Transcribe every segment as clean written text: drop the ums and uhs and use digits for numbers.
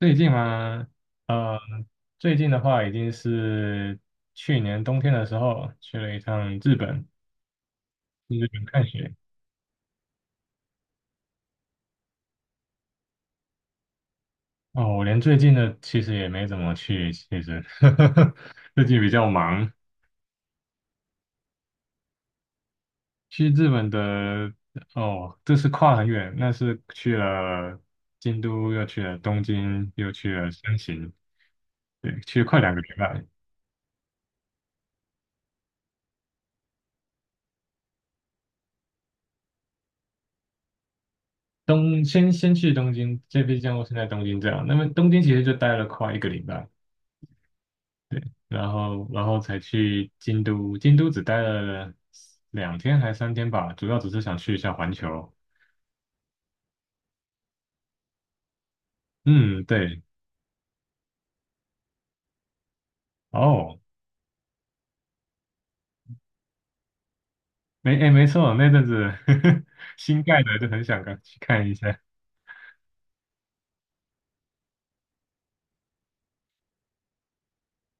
最近吗？最近的话，已经是去年冬天的时候去了一趟日本，去日本看雪。哦，我连最近的其实也没怎么去，其实 最近比较忙。去日本的哦，这是跨很远，那是去了京都，又去了东京，又去了山形，对，去了快2个礼拜。先去东京，这边像我是在东京这样，那么东京其实就待了快1个礼拜。然后才去京都，京都只待了2天还3天吧，主要只是想去一下环球。嗯，对，哦，没，哎，没错，那阵子 新盖的就很想看去看一下。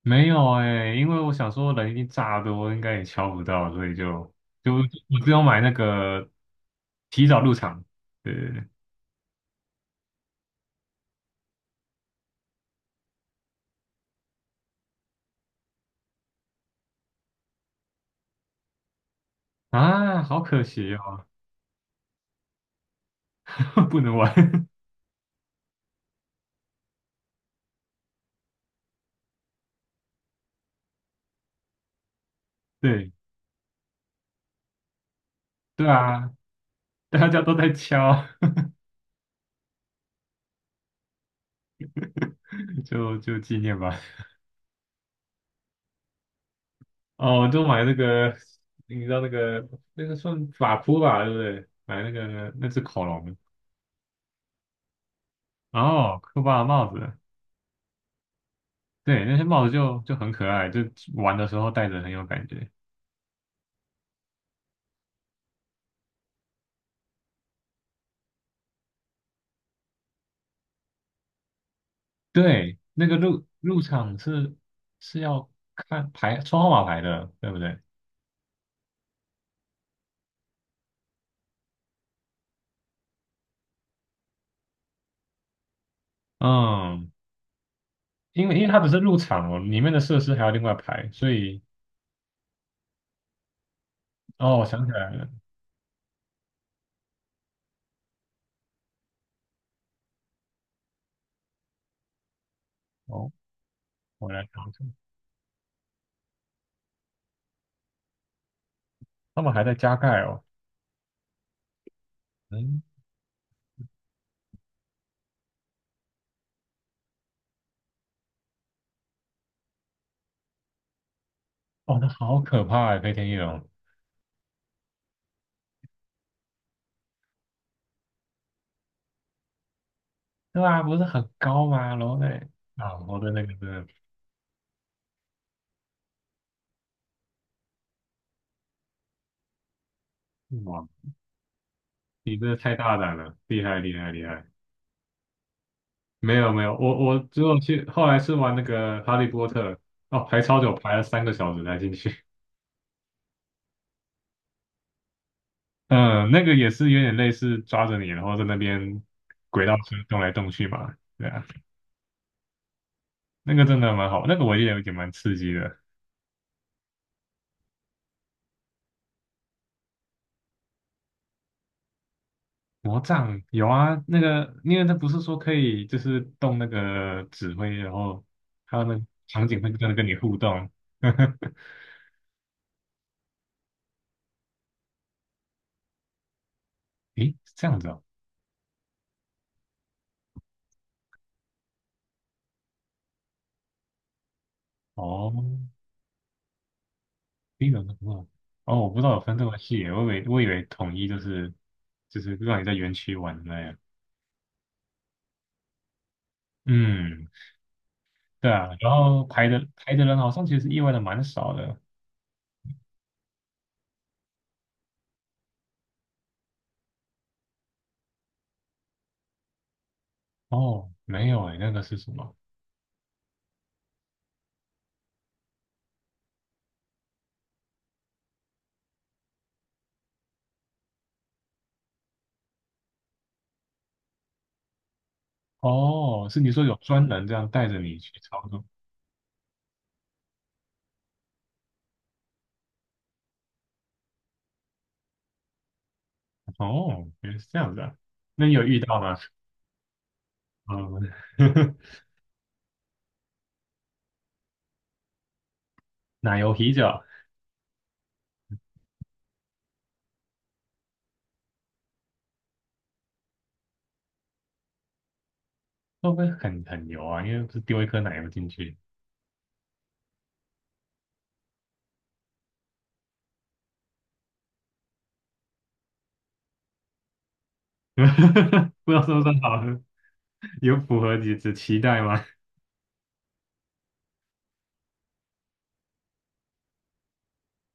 没有哎，因为我想说人已经炸多，应该也敲不到，所以我只有买那个提早入场。对对对，啊，好可惜哦，不能玩。对对啊，大家都在敲，就纪念吧。哦，我就买那个，你知道那个算法扑吧，对不对？买那个那只恐龙，哦，酷科巴的帽子，对，那些帽子就很可爱，就玩的时候戴着很有感觉。对，那个入场是要看牌抽号码牌的，对不对？嗯，因为它不是入场哦，里面的设施还要另外排，所以哦，我想起来了，哦，我来查查，他们还在加盖哦，嗯，哦，那好可怕哎，飞天翼龙。对啊，不是很高吗？楼内啊，我的那个真的，哇，你真的太大胆了，厉害厉害厉害！没有没有，我只有去，后来是玩那个《哈利波特》，哦，排超久，排了3个小时才进去。嗯，那个也是有点类似抓着你，然后在那边轨道车动来动去嘛。对啊，那个真的蛮好，那个我也有点蛮刺激的。魔杖有啊，那个因为它不是说可以就是动那个指挥，然后还有那个场景会跟你互动。诶，是这样子啊，哦，第一个是不哦，我不知道有分这么细耶我以为统一就是让你在园区玩的那样，嗯，对啊，然后排的人好像其实意外的蛮少的，哦，没有诶，那个是什么？哦，是你说有专人这样带着你去操作，哦，原来是这样子啊，那你有遇到吗？嗯，奶油啤酒会不会很油啊？因为不是丢一颗奶油进去，不知道是不是很好喝。有符合你的期待吗？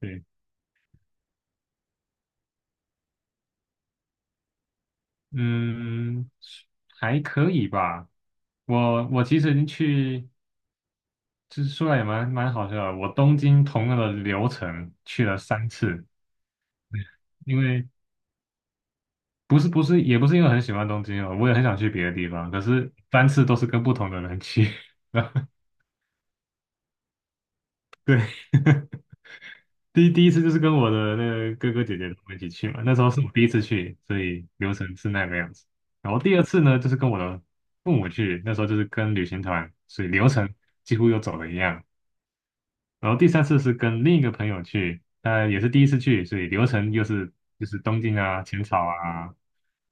对，嗯，还可以吧。我其实去，就是说来也蛮好笑的。我东京同样的流程去了三次，因为不是也不是因为很喜欢东京哦，我也很想去别的地方，可是三次都是跟不同的人去。对，第一次就是跟我的那个哥哥姐姐他们一起去嘛，那时候是我第一次去，所以流程是那个样子。然后第二次呢，就是跟我的父母去，那时候就是跟旅行团，所以流程几乎又走了一样。然后第三次是跟另一个朋友去，他也是第一次去，所以流程又是就是东京啊、浅草啊，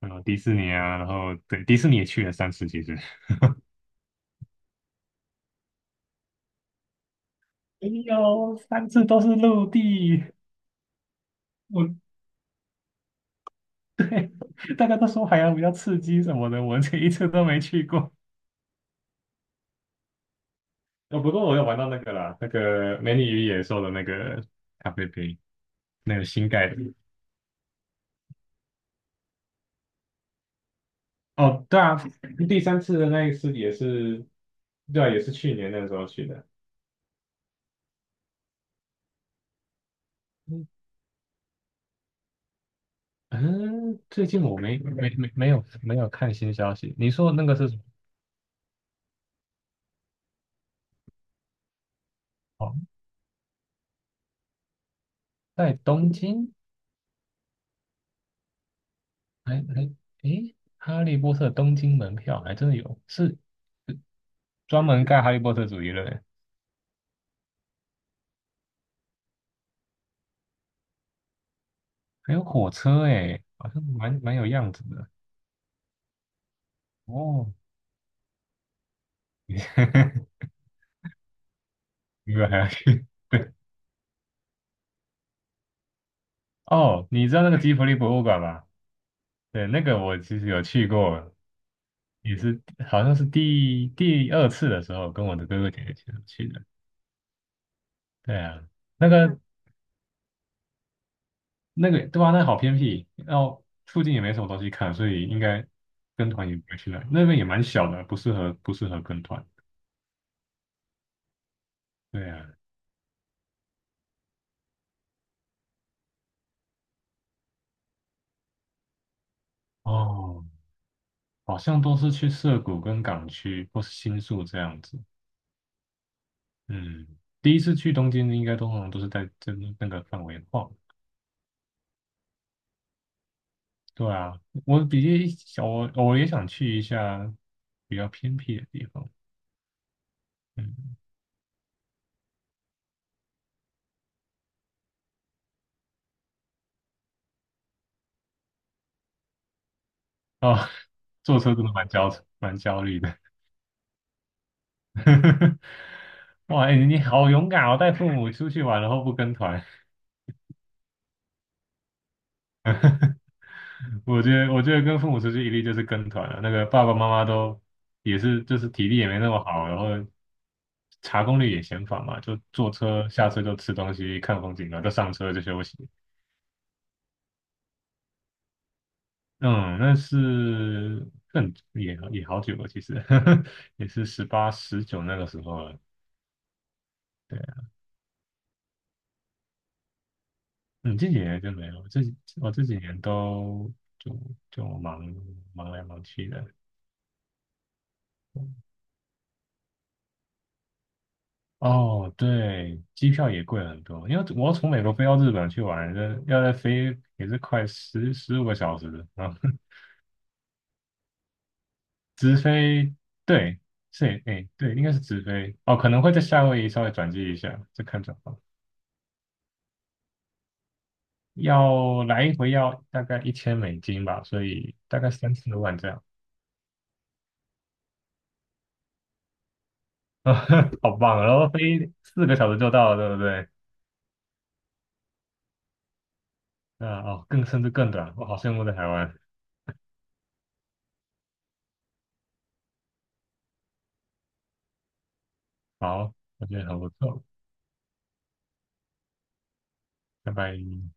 然后迪士尼啊，然后对迪士尼也去了三次，其实。哎呦，三次都是陆地，我大家都说海洋比较刺激什么的，我这一次都没去过。哦，不过我有玩到那个啦，那个《美女与野兽》的那个咖啡杯，那个新盖的。哦，对啊，第三次的那一次也是，对啊，也是去年那个时候去的。嗯，嗯啊最近我没有看新消息。你说的那个是什么？哦，在东京？还还诶，哈利波特东京门票还真的有，是专门盖哈利波特主题的，园，还有火车诶，好像蛮有样子的。哦，你你们还要去？哦，你知道那个吉卜力博物馆吗？对，那个我其实有去过，也是好像是第二次的时候，跟我的哥哥姐姐去的。对啊，那个对啊，那好偏僻，然后附近也没什么东西看，所以应该跟团也不会去那里，那边也蛮小的，不适合跟团。对啊，哦，好像都是去涩谷跟港区或是新宿这样子。嗯，第一次去东京应该通常都是在这那个范围晃。对啊，我比较想，我我也想去一下比较偏僻的地方。嗯，啊、坐车真的蛮焦虑的。哇，哎、你好勇敢哦，带父母出去玩，然后不跟团。我觉得，跟父母出去一定就是跟团了。那个爸爸妈妈都也是，就是体力也没那么好，然后查攻略也嫌烦嘛，就坐车下车就吃东西、看风景，然后就上车就休息。嗯，那是更也好久了，其实 也是18、19那个时候了。对，嗯，这几年就没有，我这几年都就就忙来忙去的。哦，对，机票也贵很多，因为我要从美国飞到日本去玩，要再飞也是快十五个小时啊，然后 直飞，对，是，哎，对，应该是直飞，哦，可能会在夏威夷稍微转机一下，再看状况。要来一回要大概1000美金吧，所以大概3多万这样，好棒啊！然后飞4个小时就到了，对不对？啊哦，更甚至更短，我好羡慕在台湾。好，我觉得很不错，拜拜。